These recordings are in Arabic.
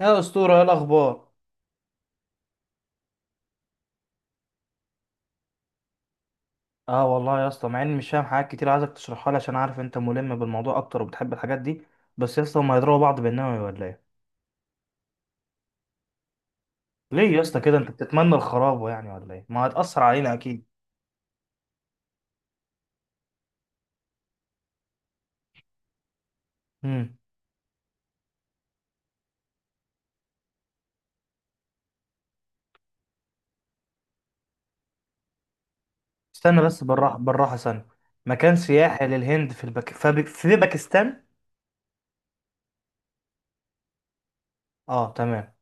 يا اسطوره، ايه الاخبار؟ اه والله يا اسطى، مع اني مش فاهم حاجات كتير، عايزك تشرحها لي عشان عارف انت ملم بالموضوع اكتر وبتحب الحاجات دي. بس يا اسطى، ما يضربوا بعض بالنووي ولا ايه؟ ليه يا اسطى كده، انت بتتمنى الخراب يعني ولا ايه؟ ما هتأثر علينا اكيد. امم. استنى بس، بالراحه بالراحه، ثانيه. مكان سياحي للهند في في باكستان. اه تمام.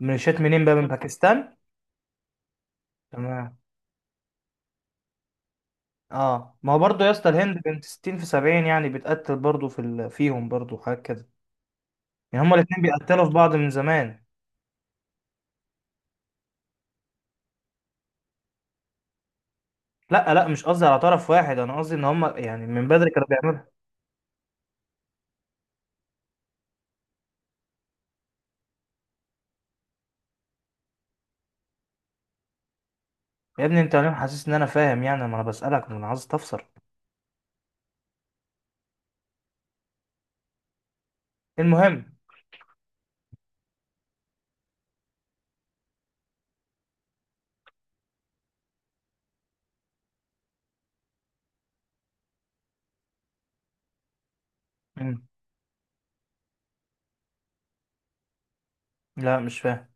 من شات منين بقى، من باكستان؟ تمام. اه، ما هو برضه يا اسطى، الهند بنت 60 في 70، يعني بتقتل برضه فيهم برضه حاجات كده. يعني هما الاتنين بيقتلوا في بعض من زمان. لا لا، مش قصدي على طرف واحد، انا قصدي ان هم يعني من بدري كانوا بيعملوها. يا ابني انت ليه حاسس ان انا فاهم؟ يعني ما انا بسألك، ما انا عايز تفسر. المهم. مم. لا مش فاهم.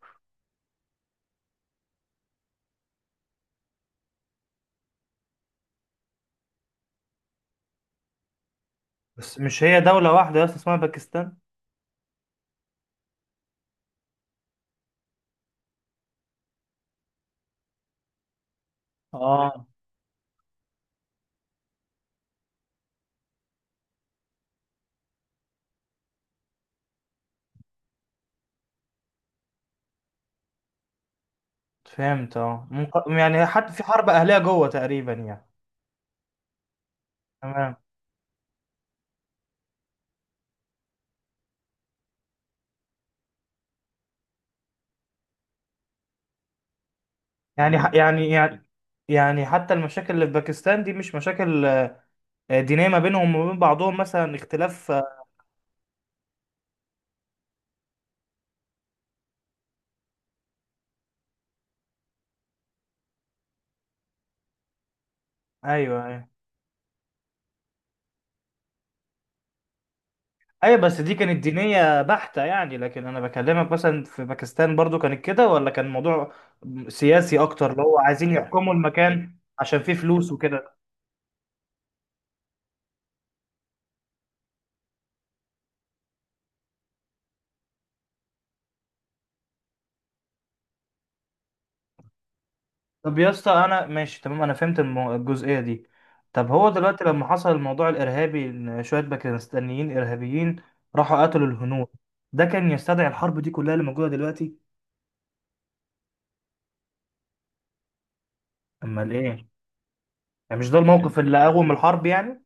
بس مش هي دولة واحدة يا اسطى اسمها باكستان؟ اه فهمت. يعني حتى في حرب اهلية جوه تقريبا يعني. تمام. يعني يعني حتى المشاكل اللي في باكستان دي مش مشاكل دينية ما بينهم وما بين بعضهم، مثلا اختلاف. ايوه ايوه ايوه، بس دي كانت دينية بحتة يعني، لكن انا بكلمك مثلا في باكستان برضو كانت كده ولا كان الموضوع سياسي اكتر، اللي هو عايزين يحكموا المكان عشان فيه فلوس وكده. طب يا اسطى، انا ماشي تمام، انا فهمت الجزئية دي. طب هو دلوقتي لما حصل الموضوع الارهابي ان شوية باكستانيين ارهابيين راحوا قتلوا الهنود، ده كان يستدعي الحرب دي كلها اللي موجودة دلوقتي؟ امال ايه؟ يعني مش ده الموقف اللي قوم الحرب يعني.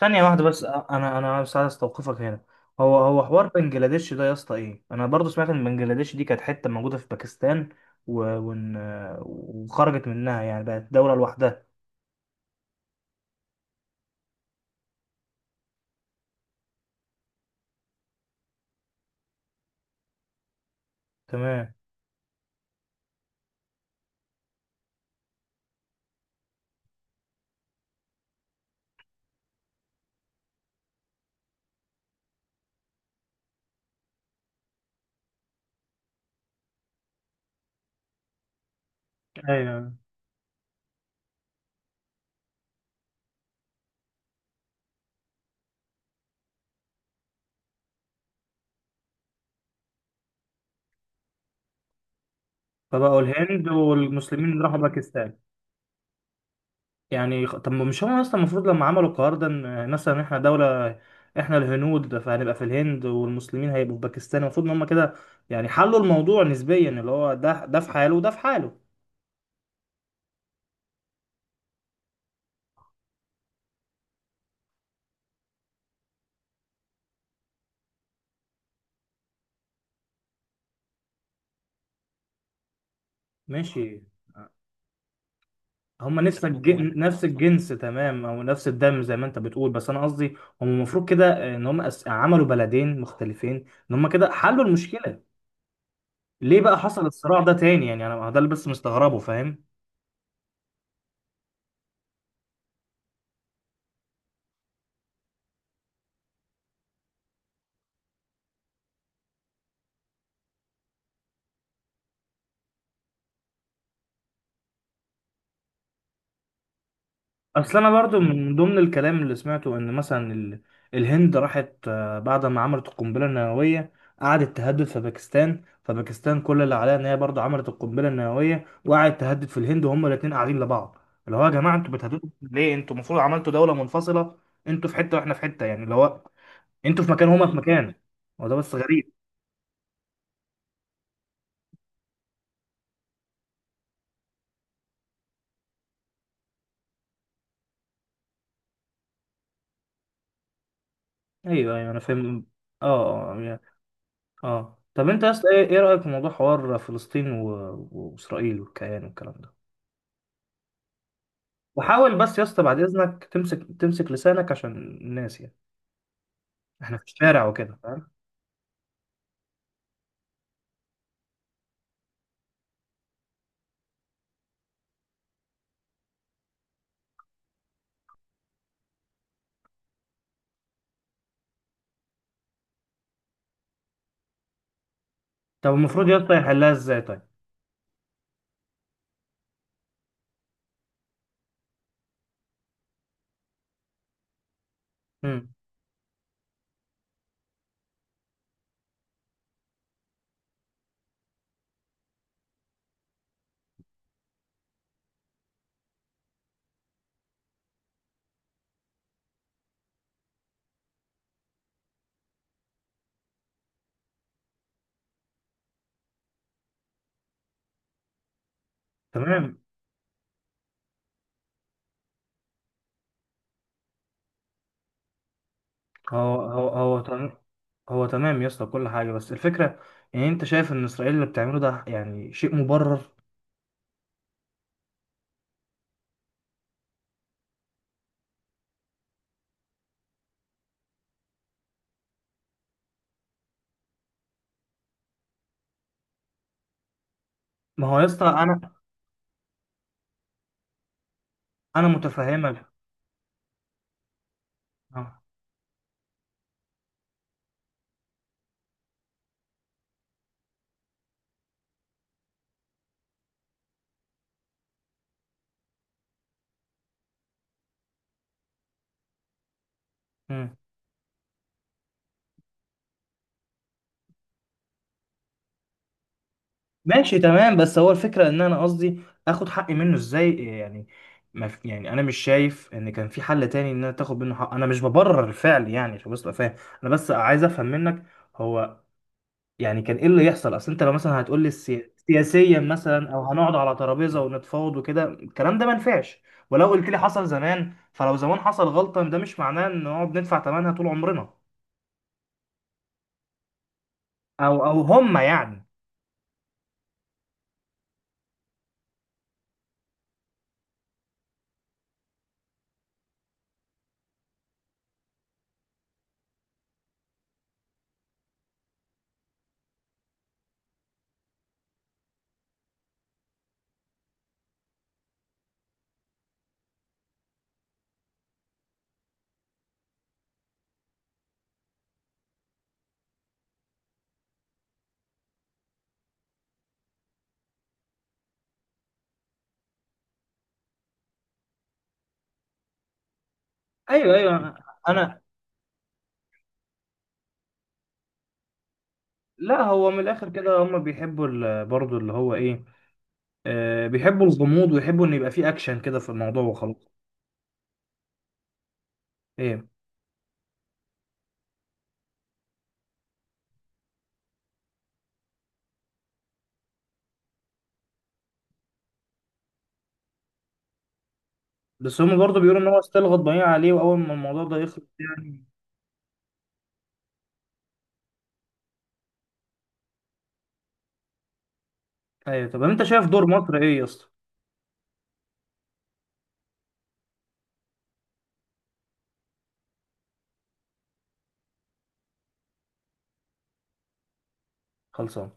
ثانية واحدة بس، أنا بس عايز أستوقفك هنا. هو حوار بنجلاديش ده يا اسطى إيه؟ أنا برضو سمعت إن بنجلاديش دي كانت حتة موجودة في باكستان، و... ون... وخرجت منها يعني بقت دولة لوحدها. تمام. ايوه. فبقوا الهند، والمسلمين راحوا باكستان. يعني طب مش هم اصلا المفروض لما عملوا القرار ده، إن مثلا احنا دولة، احنا الهنود فهنبقى في الهند، والمسلمين هيبقوا في باكستان، المفروض ان هم كده يعني حلوا الموضوع نسبيا، اللي هو ده في حاله وده في حاله. ماشي. هما نفس نفس الجنس تمام، او نفس الدم زي ما انت بتقول، بس انا قصدي هم المفروض كده ان هم عملوا بلدين مختلفين، ان هم كده حلوا المشكله. ليه بقى حصل الصراع ده تاني يعني؟ انا ده اللي بس مستغربه، فاهم. اصل انا برضو من ضمن الكلام اللي سمعته ان مثلا الهند راحت بعد ما عملت القنبله النوويه، قعدت تهدد في باكستان، فباكستان كل اللي عليها ان هي برضو عملت القنبله النوويه وقعدت تهدد في الهند، وهم الاثنين قاعدين لبعض، اللي هو يا جماعه انتوا بتهددوا ليه؟ انتوا المفروض عملتوا دوله منفصله، انتوا في حته واحنا في حته، يعني اللي هو انتوا في مكان هما في مكان. هو ده بس غريب. ايوه ايوه، انا فاهم. اه اه يعني- اه طب انت يا اسطى ايه، إيه رايك في موضوع حوار فلسطين و... واسرائيل والكيان والكلام ده؟ وحاول بس يا اسطى بعد اذنك تمسك لسانك عشان الناس يعني، احنا في الشارع وكده، فاهم. طب المفروض يا اسطى يحلها ازاي طيب؟ امم. تمام. هو تمام. هو تمام يا اسطى كل حاجه، بس الفكره، يعني انت شايف ان اسرائيل اللي بتعمله ده يعني شيء مبرر؟ ما هو يا اسطى، انا متفهمك. اه ماشي تمام، بس هو الفكرة ان انا قصدي اخد حقي منه ازاي يعني؟ ما في يعني، انا مش شايف ان كان في حل تاني ان انا تاخد منه حق، انا مش ببرر الفعل يعني عشان بس تبقى فاهم، انا بس عايز افهم منك هو يعني كان ايه اللي يحصل؟ اصل انت لو مثلا هتقول لي سياسيا مثلا، او هنقعد على ترابيزة ونتفاوض وكده، الكلام ده ما ينفعش. ولو قلت لي حصل زمان، فلو زمان حصل غلطة ده مش معناه ان نقعد ندفع ثمنها طول عمرنا، او هم يعني. ايوه ايوه، انا. لا هو من الاخر كده، هم بيحبوا برضه اللي هو ايه، آه بيحبوا الغموض، ويحبوا ان يبقى فيه اكشن كده في الموضوع وخلاص. ايه؟ بس هم برضه بيقولوا ان هو استيل غضبانين عليه، واول ما الموضوع ده يخلص يعني. ايوه. طب انت شايف دور مصر ايه يا اسطى؟ خلصان.